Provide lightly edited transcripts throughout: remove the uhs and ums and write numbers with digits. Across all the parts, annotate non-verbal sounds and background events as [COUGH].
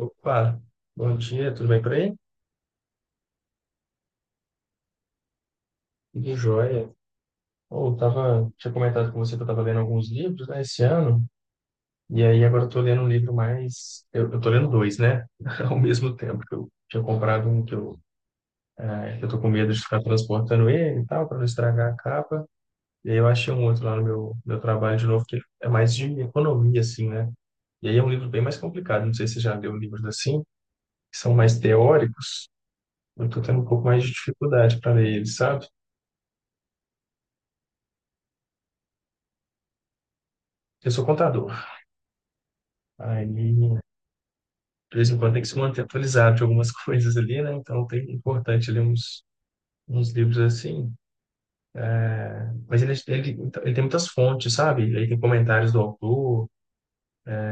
Opa, bom dia, tudo bem por aí? Tudo jóia. Tinha comentado com você que eu tava lendo alguns livros, né, esse ano, e aí agora eu tô lendo um livro mais, eu tô lendo dois, né, [LAUGHS] ao mesmo tempo que eu tinha comprado um que que eu tô com medo de ficar transportando ele e tal, para não estragar a capa, e aí eu achei um outro lá no meu trabalho de novo, que é mais de economia, assim, né, e aí é um livro bem mais complicado, não sei se você já leu livros assim, que são mais teóricos. Eu tô tendo um pouco mais de dificuldade para ler eles, sabe? Eu sou contador. Aí, de vez em quando tem que se manter atualizado de algumas [LAUGHS] coisas ali, né? Então, tem importante ler uns livros assim. Mas então, ele tem muitas fontes, sabe? Aí tem comentários do autor,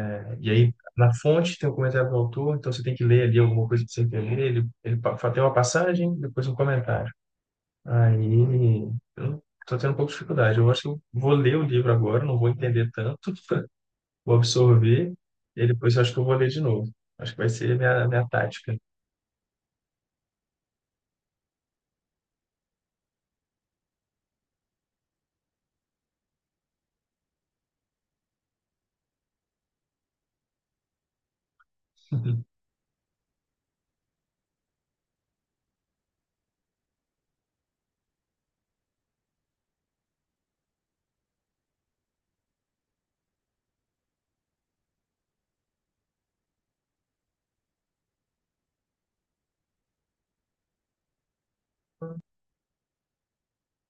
né? E aí na fonte tem o comentário do autor, então você tem que ler ali alguma coisa para você entender. Tem uma passagem, depois um comentário. Aí, eu tô tendo um pouco de dificuldade. Eu acho que eu vou ler o livro agora, não vou entender tanto, vou absorver, e depois eu acho que eu vou ler de novo. Acho que vai ser a minha tática. [LAUGHS]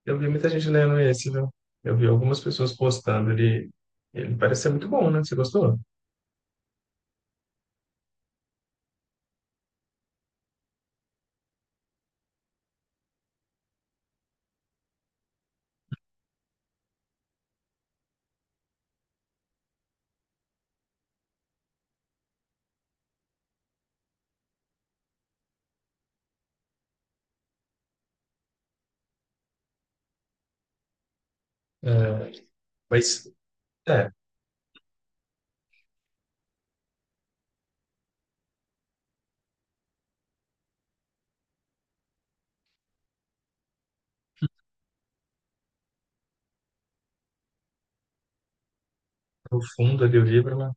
Eu vi muita gente lendo esse, viu? Eu vi algumas pessoas postando. Ele parece ser muito bom, né? Você gostou? É, mas, é, no fundo ali o livro, né?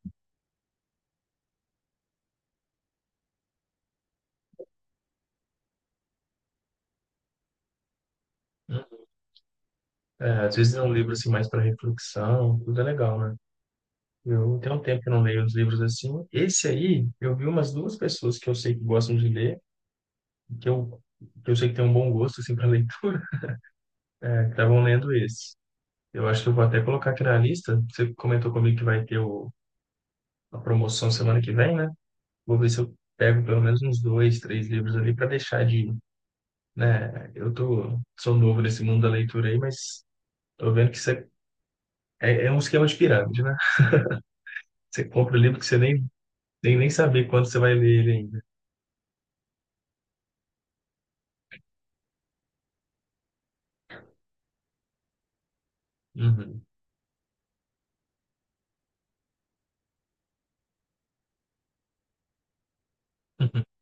É, às vezes é um livro assim mais para reflexão, tudo é legal, né? Eu tenho um tempo que não leio os livros assim. Esse aí, eu vi umas duas pessoas que eu sei que gostam de ler, que eu, que eu sei que tem um bom gosto assim para leitura, [LAUGHS] é, que estavam lendo esse. Eu acho que eu vou até colocar aqui na lista. Você comentou comigo que vai ter a promoção semana que vem, né? Vou ver se eu pego pelo menos uns dois, três livros ali para deixar de, né? Eu tô, sou novo nesse mundo da leitura aí, mas tô vendo que você, é, é um esquema de pirâmide, né? Você compra o livro que você nem saber quando você vai ler ele ainda. Uhum. [LAUGHS]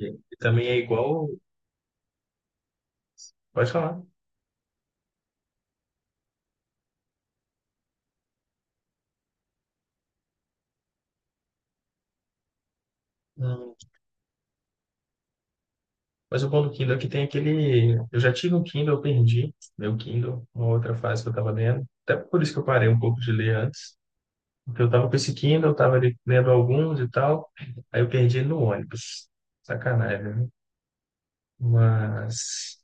E, e também é igual, pode falar. Hum. Mas o bom do Kindle é que tem aquele. Eu já tive um Kindle, eu perdi meu Kindle, uma outra fase que eu estava lendo. Até por isso que eu parei um pouco de ler antes. Porque eu tava com esse Kindle, eu tava ali lendo alguns e tal. Aí eu perdi ele no ônibus. Sacanagem, né? Mas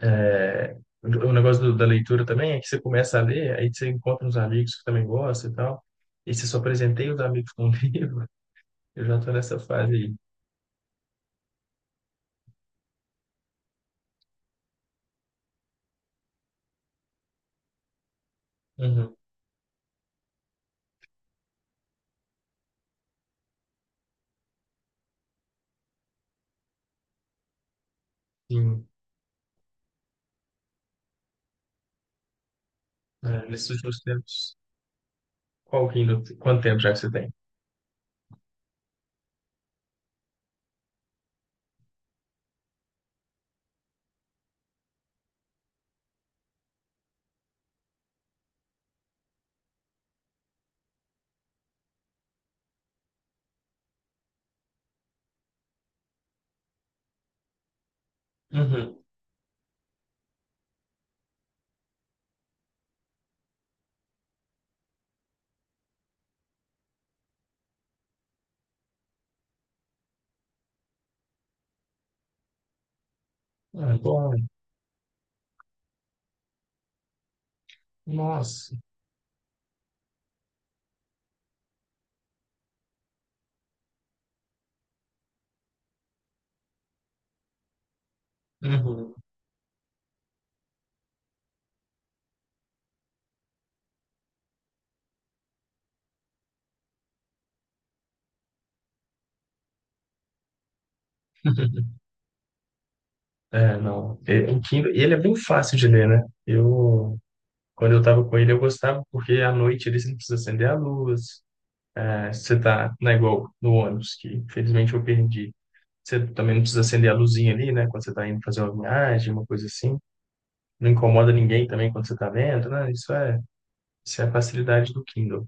é, o da leitura também é que você começa a ler, aí você encontra uns amigos que também gostam e tal. E você só apresentei os amigos com [LAUGHS] o livro. Eu já tô nessa fase aí. Uhum. Sim. É, nesses últimos tempos. Qual Kindle? Quanto tempo já que você tem? Uhum. Ah, bom. Nossa. Uhum. [LAUGHS] É, não. É, o Kindle, ele é bem fácil de ler, né? Eu quando eu estava com ele, eu gostava, porque à noite eles não precisam acender a luz. É, você tá, não é igual no ônibus, que infelizmente eu perdi. Você também não precisa acender a luzinha ali, né? Quando você está indo fazer uma viagem, uma coisa assim. Não incomoda ninguém também quando você está lendo, né? Isso é a facilidade do Kindle.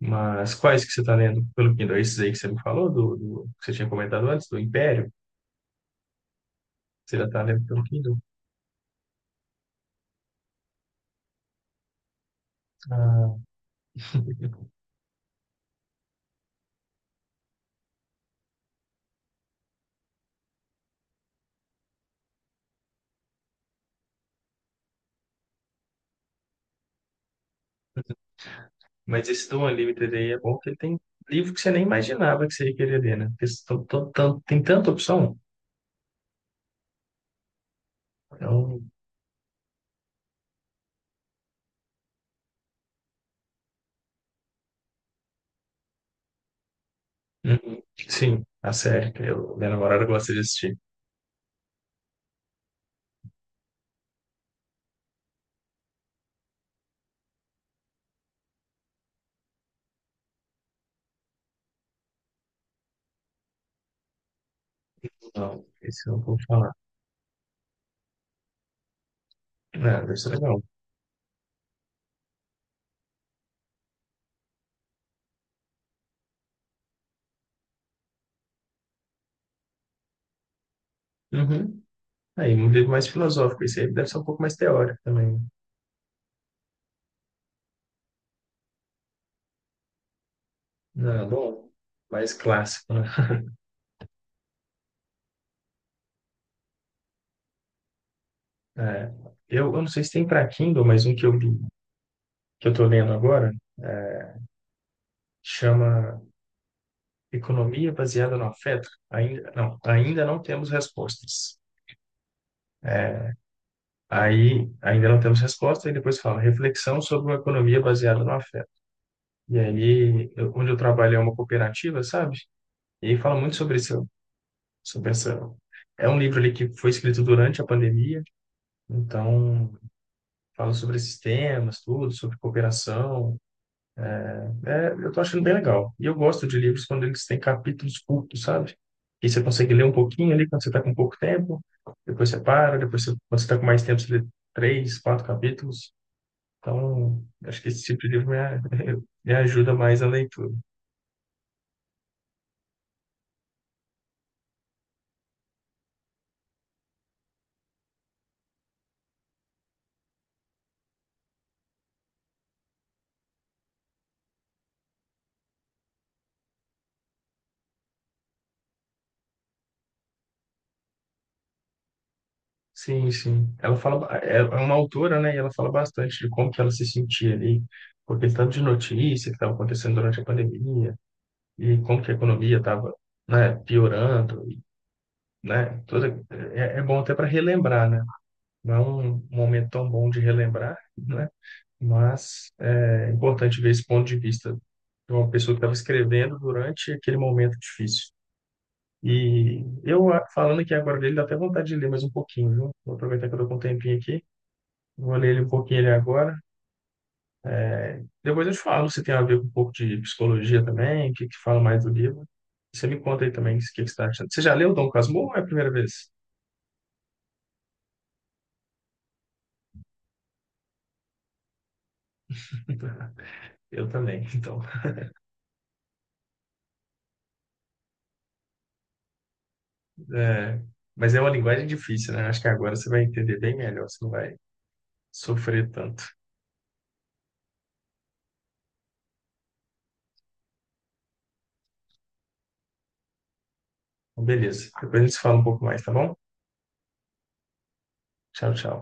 Mas quais que você está lendo pelo Kindle? É esses aí que você me falou, que você tinha comentado antes, do Império? Você já está lendo pelo Kindle? Ah. Mas esse do Unlimited aí é bom porque tem livro que você nem imaginava que você ia querer ler, né? Porque tem tanta opção. Então, uhum. Sim, a série. Eu, minha namorada gosta de assistir. Não, esse eu não vou falar. Não, deve ser legal. Uhum. Aí, um livro mais filosófico. Esse aí deve ser um pouco mais teórico também, né? Não, bom, mais clássico, né? [LAUGHS] É. Eu não sei se tem para Kindle, mas um que eu li, que eu tô lendo agora, é, chama Economia Baseada no Afeto. Ainda não temos respostas. É, aí ainda não temos resposta, e depois fala reflexão sobre uma economia baseada no afeto. E aí, onde eu trabalho é uma cooperativa, sabe? E aí fala muito sobre isso, sobre essa. É um livro ali que foi escrito durante a pandemia, então fala sobre esses temas, tudo, sobre cooperação. É, eu tô achando bem legal. E eu gosto de livros quando eles têm capítulos curtos, sabe? E você consegue ler um pouquinho ali quando você está com pouco tempo, depois você para, depois você, quando você está com mais tempo, você lê três, quatro capítulos. Então, acho que esse tipo de livro [LAUGHS] me ajuda mais a leitura. Sim, sim. Ela fala, é uma autora, né? E ela fala bastante de como que ela se sentia ali, com aquele tanto de notícia que estava acontecendo durante a pandemia, e como que a economia estava, né, piorando, e, né? Toda, é, é bom até para relembrar, né? Não é um momento tão bom de relembrar, né? Mas é. E eu, ah, falando aqui agora dele, dá até vontade de ler mais um pouquinho, viu? Vou aproveitar que eu tô com um tempinho aqui. Vou ler ele um pouquinho ele agora. Depois eu te falo se tem a ver com um pouco de psicologia também, o que que fala mais do livro. Você me conta aí também o que que você está achando. Você já leu Dom Casmurro ou é a primeira vez? [LAUGHS] Eu também, então. É, mas é uma linguagem difícil, né? Acho que agora você vai entender bem melhor, você não vai sofrer tanto. Então, beleza, depois a gente se fala um pouco mais, tá bom? Tchau, tchau.